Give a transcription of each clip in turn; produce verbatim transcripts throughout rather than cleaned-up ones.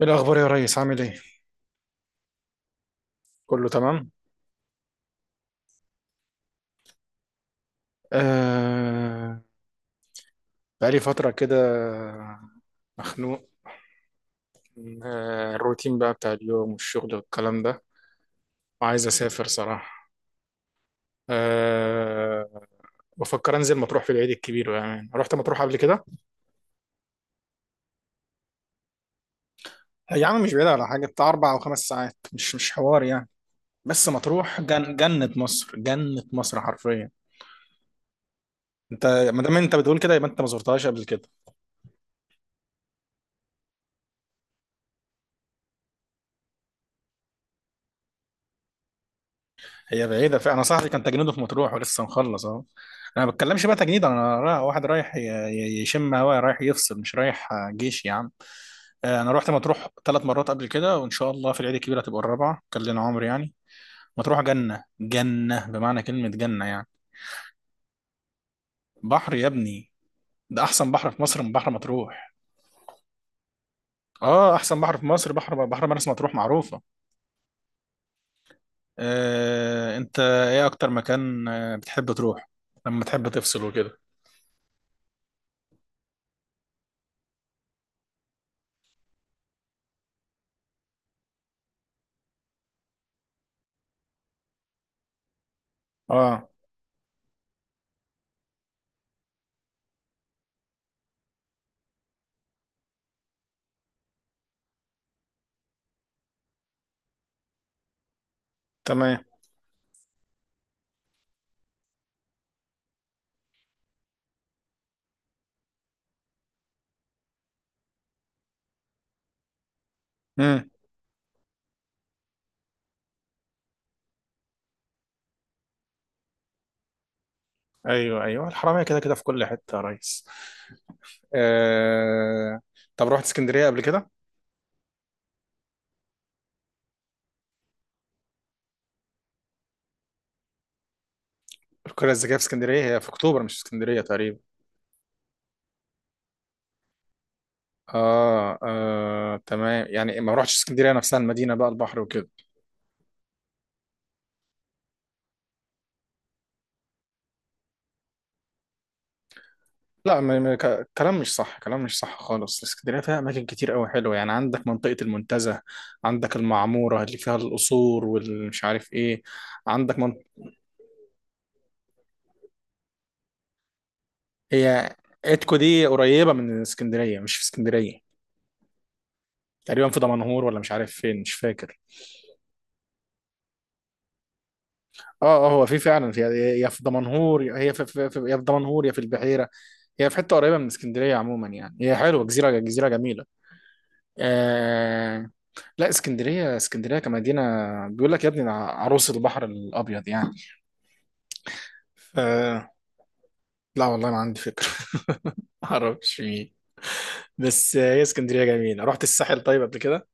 إيه الأخبار يا ريس، عامل إيه؟ كله تمام؟ آه. بقالي فترة كده مخنوق من آه الروتين بقى بتاع اليوم والشغل والكلام ده، وعايز أسافر صراحة. آه. بفكر أنزل مطروح في العيد الكبير، يعني رحت مطروح قبل كده؟ يا عم، مش بعيد، على حاجة بتاع أربع أو خمس ساعات، مش مش حوار يعني. بس مطروح جن جنة مصر، جنة مصر حرفيا. أنت، ما دام أنت بتقول كده يبقى أنت ما زرتهاش قبل كده. هي بعيدة فعلا، أنا صاحبي كان تجنيده في مطروح ولسه مخلص أهو. أنا ما بتكلمش بقى تجنيد، أنا را- واحد رايح ي- ي- يشم هوا، رايح يفصل، مش رايح آه، جيش يا عم. آه، أنا رحت مطروح ثلاث مرات قبل كده، وإن شاء الله في العيد الكبير هتبقى الرابعة، كان لنا عمر يعني. مطروح جنة، جنة بمعنى كلمة جنة يعني. بحر يا ابني، ده أحسن بحر في مصر من بحر مطروح. آه، أحسن بحر في مصر بحر بحر مرسى مطروح معروفة. آه، أنت إيه أكتر مكان آه، بتحب تروح لما تحب تفصل وكده؟ آه. تمام. مم. ايوه، ايوه، الحراميه كده كده في كل حته يا ريس. آه. طب رحت اسكندريه قبل كده؟ القريه الذكيه في اسكندريه؟ هي في اكتوبر مش في اسكندريه تقريبا. آه, اه تمام، يعني ما رحتش اسكندريه نفسها، المدينه بقى، البحر وكده. لا، ما ما- ك- كلام مش صح، كلام مش صح خالص، اسكندريه فيها اماكن كتير قوي حلوه يعني. عندك منطقه المنتزه، عندك المعموره اللي فيها القصور والمش عارف ايه، عندك من... هي اتكو دي قريبه من اسكندريه، مش في اسكندريه، تقريبا في دمنهور ولا مش عارف فين، مش فاكر. اه، اه، هو في فعلا في، يا في دمنهور، يا هي في, في, في يا في دمنهور يا في البحيره. هي في حته قريبه من اسكندريه عموما يعني، هي حلوه، جزيره جزيره جميله. آه. لا، اسكندريه، اسكندريه كمدينه، بيقول لك يا ابني ده عروس البحر الابيض يعني. آه. لا والله، ما عندي فكره. ما اعرفش مين. بس هي اسكندريه جميله. رحت الساحل طيب قبل كده؟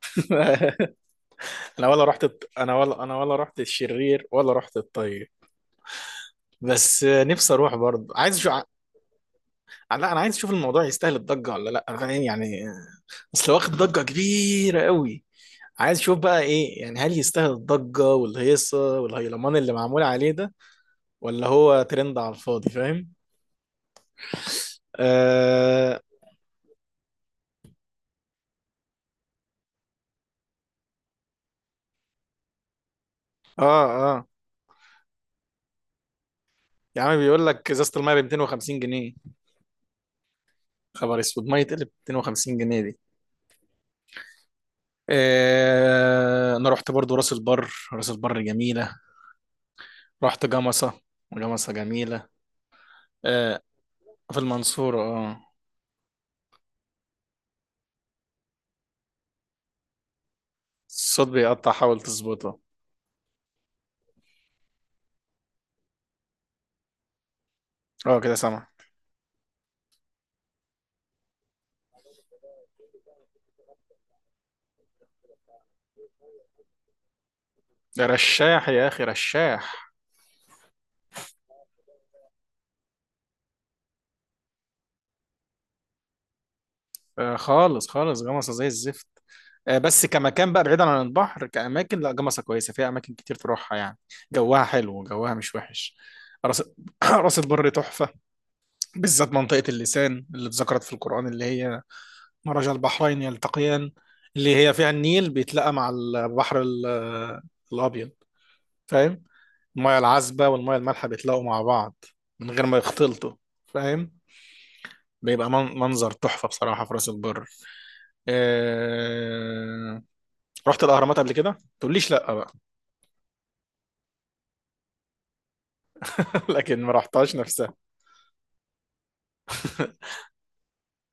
انا ولا رحت الط- انا ولا انا ولا رحت الشرير ولا رحت الطيب. بس نفسي اروح برضه، عايز شو... لا، انا عايز اشوف الموضوع يستاهل الضجه ولا لا، فاهم يعني؟ اصل واخد ضجة كبيرة قوي، عايز اشوف بقى ايه يعني، هل يستاهل الضجة والهيصة والهيلمان اللي معمول عليه ده، ولا هو ترند على الفاضي، فاهم؟ اه. اه. آه. يا عم، بيقول لك ازازة المية ب مئتين وخمسين جنيه. خبر اسود، مية تقلب مئتين وخمسين جنيه دي. آه، انا رحت برضو راس البر، راس البر جميلة. رحت جمصة، جمصة جميلة. آه. في المنصورة، اه. الصوت بيقطع، حاول تظبطه. اه، كده سامع. ده رشاح يا اخي، رشاح. آه، خالص خالص جمصة زي الزفت. آه، بس كمكان بقى بعيدا عن البحر، كأماكن لا، جمصة كويسة، فيها أماكن كتير تروحها يعني. جوها حلو، جوها مش وحش. راس راس البر تحفة، بالذات منطقة اللسان اللي اتذكرت في القرآن، اللي هي مرج البحرين يلتقيان، اللي هي فيها النيل بيتلاقى مع البحر ال- الأبيض، فاهم؟ المياه العذبة والمياه المالحة بيتلاقوا مع بعض من غير ما يختلطوا، فاهم؟ بيبقى من- منظر تحفة بصراحة في راس البر. آه، رحت الاهرامات قبل كده؟ تقوليش لا بقى. لكن ما رحتهاش نفسها.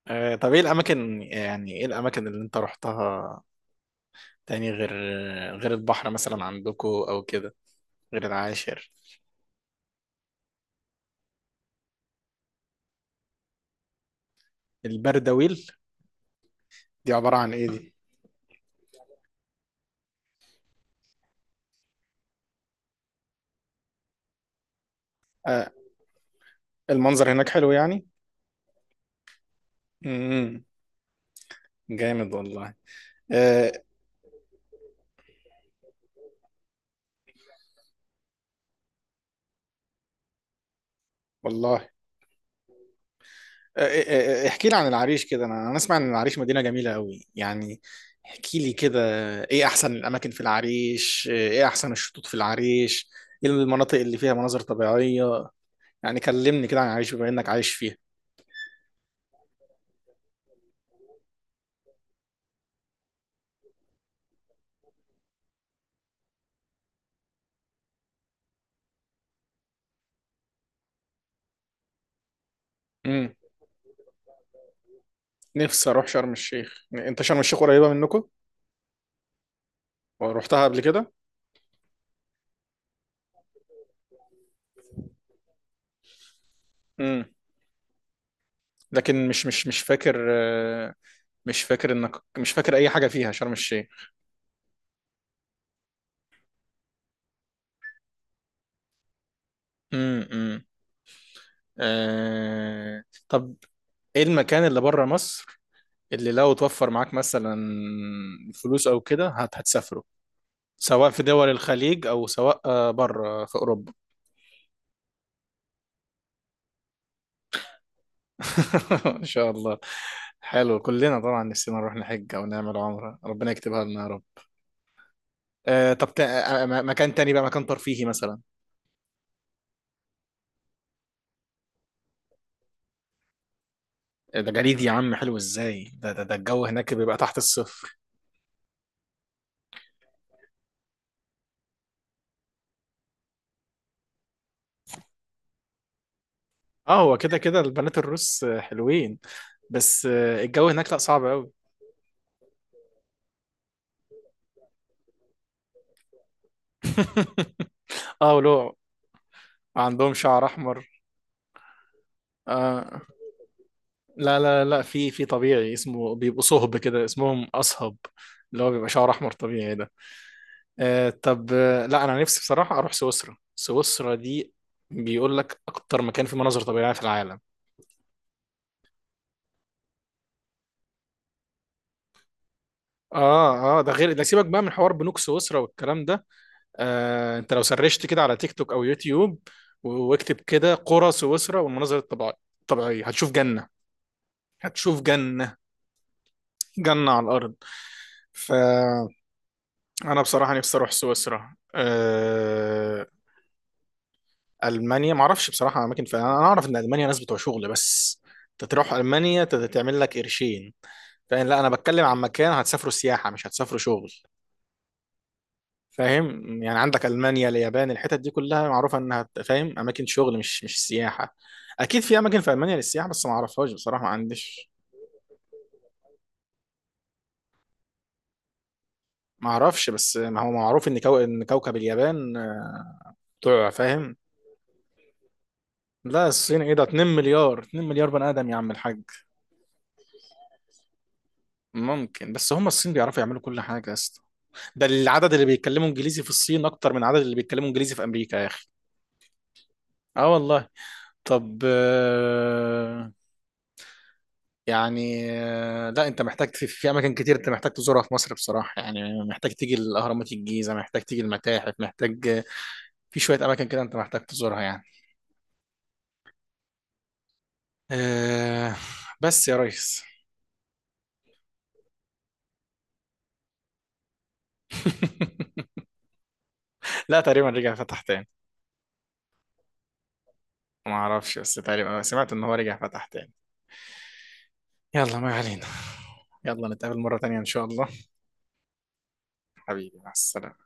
آه، طب ايه الاماكن، يعني ايه الاماكن اللي انت رحتها تاني، غير غير البحر مثلا عندكو او كده، غير العاشر؟ البردويل؟ دي عبارة عن ايه دي؟ آه، المنظر هناك حلو يعني. امم جامد والله آه، والله. آه، آه، آه، احكي لي عن العريش كده، انا انا اسمع ان العريش مدينة جميلة قوي يعني. احكي لي كده. ايه احسن الاماكن في العريش؟ ايه احسن الشطوط في العريش؟ ايه المناطق اللي فيها مناظر طبيعية؟ يعني كلمني كده عن العريش بما انك عايش فيها. امم نفسي اروح شرم الشيخ. انت شرم الشيخ قريبة منكم ورحتها قبل كده؟ امم لكن مش مش مش فاكر آه، مش فاكر، انك مش فاكر اي حاجة فيها شرم الشيخ. امم. آه. طب ايه المكان اللي بره مصر، اللي لو توفر معاك مثلا فلوس او كده هت... هتسافره؟ سواء في دول الخليج او سواء آه، بره في اوروبا. ان شاء الله. حلو، كلنا طبعا نفسنا نروح نحج او نعمل عمره، ربنا يكتبها لنا يا رب. آه، طب تا... آه، آه، م- مكان تاني بقى، مكان ترفيهي مثلا. آه، ده جليد يا عم، حلو ازاي؟ ده ده, ده الجو هناك بيبقى تحت الصفر. اه، هو كده كده البنات الروس آه، حلوين، بس آه، الجو هناك لا، صعب قوي. اه، ولو عندهم شعر احمر. آه. لا، لا، لا، في في طبيعي اسمه، بيبقوا صهب كده، اسمهم اصهب اللي هو بيبقى شعر احمر طبيعي ده. آه، طب آه، لا، انا نفسي بصراحه اروح سويسرا. سويسرا دي بيقول لك اكتر مكان فيه مناظر طبيعيه في العالم. اه، اه، ده غير، ده سيبك بقى من حوار بنوك سويسرا والكلام ده. آه، انت لو سرشت كده على تيك توك او يوتيوب، و- واكتب كده قرى سويسرا والمناظر الطبيعيه الطبيعيه هتشوف جنه، هتشوف جنه، جنه على الارض. ف انا بصراحه نفسي اروح سويسرا. أه... المانيا ما اعرفش بصراحه اماكن فيها، انا اعرف ان المانيا ناس بتوع شغل بس، انت تروح المانيا ت- تعمل لك قرشين، فاهم؟ لا، انا بتكلم عن مكان هتسافروا سياحه مش هتسافروا شغل، فاهم يعني؟ عندك المانيا، اليابان، الحتت دي كلها معروفه انها ت- فاهم، اماكن شغل، مش مش سياحه. اكيد في اماكن في المانيا للسياحه، بس ما اعرفهاش بصراحه، ما عنديش. ما اعرفش، بس ما هو معروف ان كو... ان كوكب اليابان بتوع، فاهم؟ لا، الصين، ايه ده، 2 مليار، 2 مليار بني ادم يا عم الحاج. ممكن، بس هم الصين بيعرفوا يعملوا كل حاجة يا اسطى. ده العدد اللي بيتكلموا انجليزي في الصين اكتر من العدد اللي بيتكلموا انجليزي في امريكا يا اخي. اه والله. طب آه، يعني آه، لا، انت محتاج في, في اماكن كتير انت محتاج تزورها في مصر بصراحة يعني، محتاج تيجي الاهرامات، الجيزة، محتاج تيجي المتاحف، محتاج آه، في شوية اماكن كده انت محتاج تزورها يعني. آه، بس يا ريس. لا، تقريبا رجع فتح تاني. ما اعرفش، بس تقريبا سمعت ان هو رجع فتح تاني. يلا، ما علينا. يلا نتقابل مرة تانية ان شاء الله. حبيبي، مع السلامة.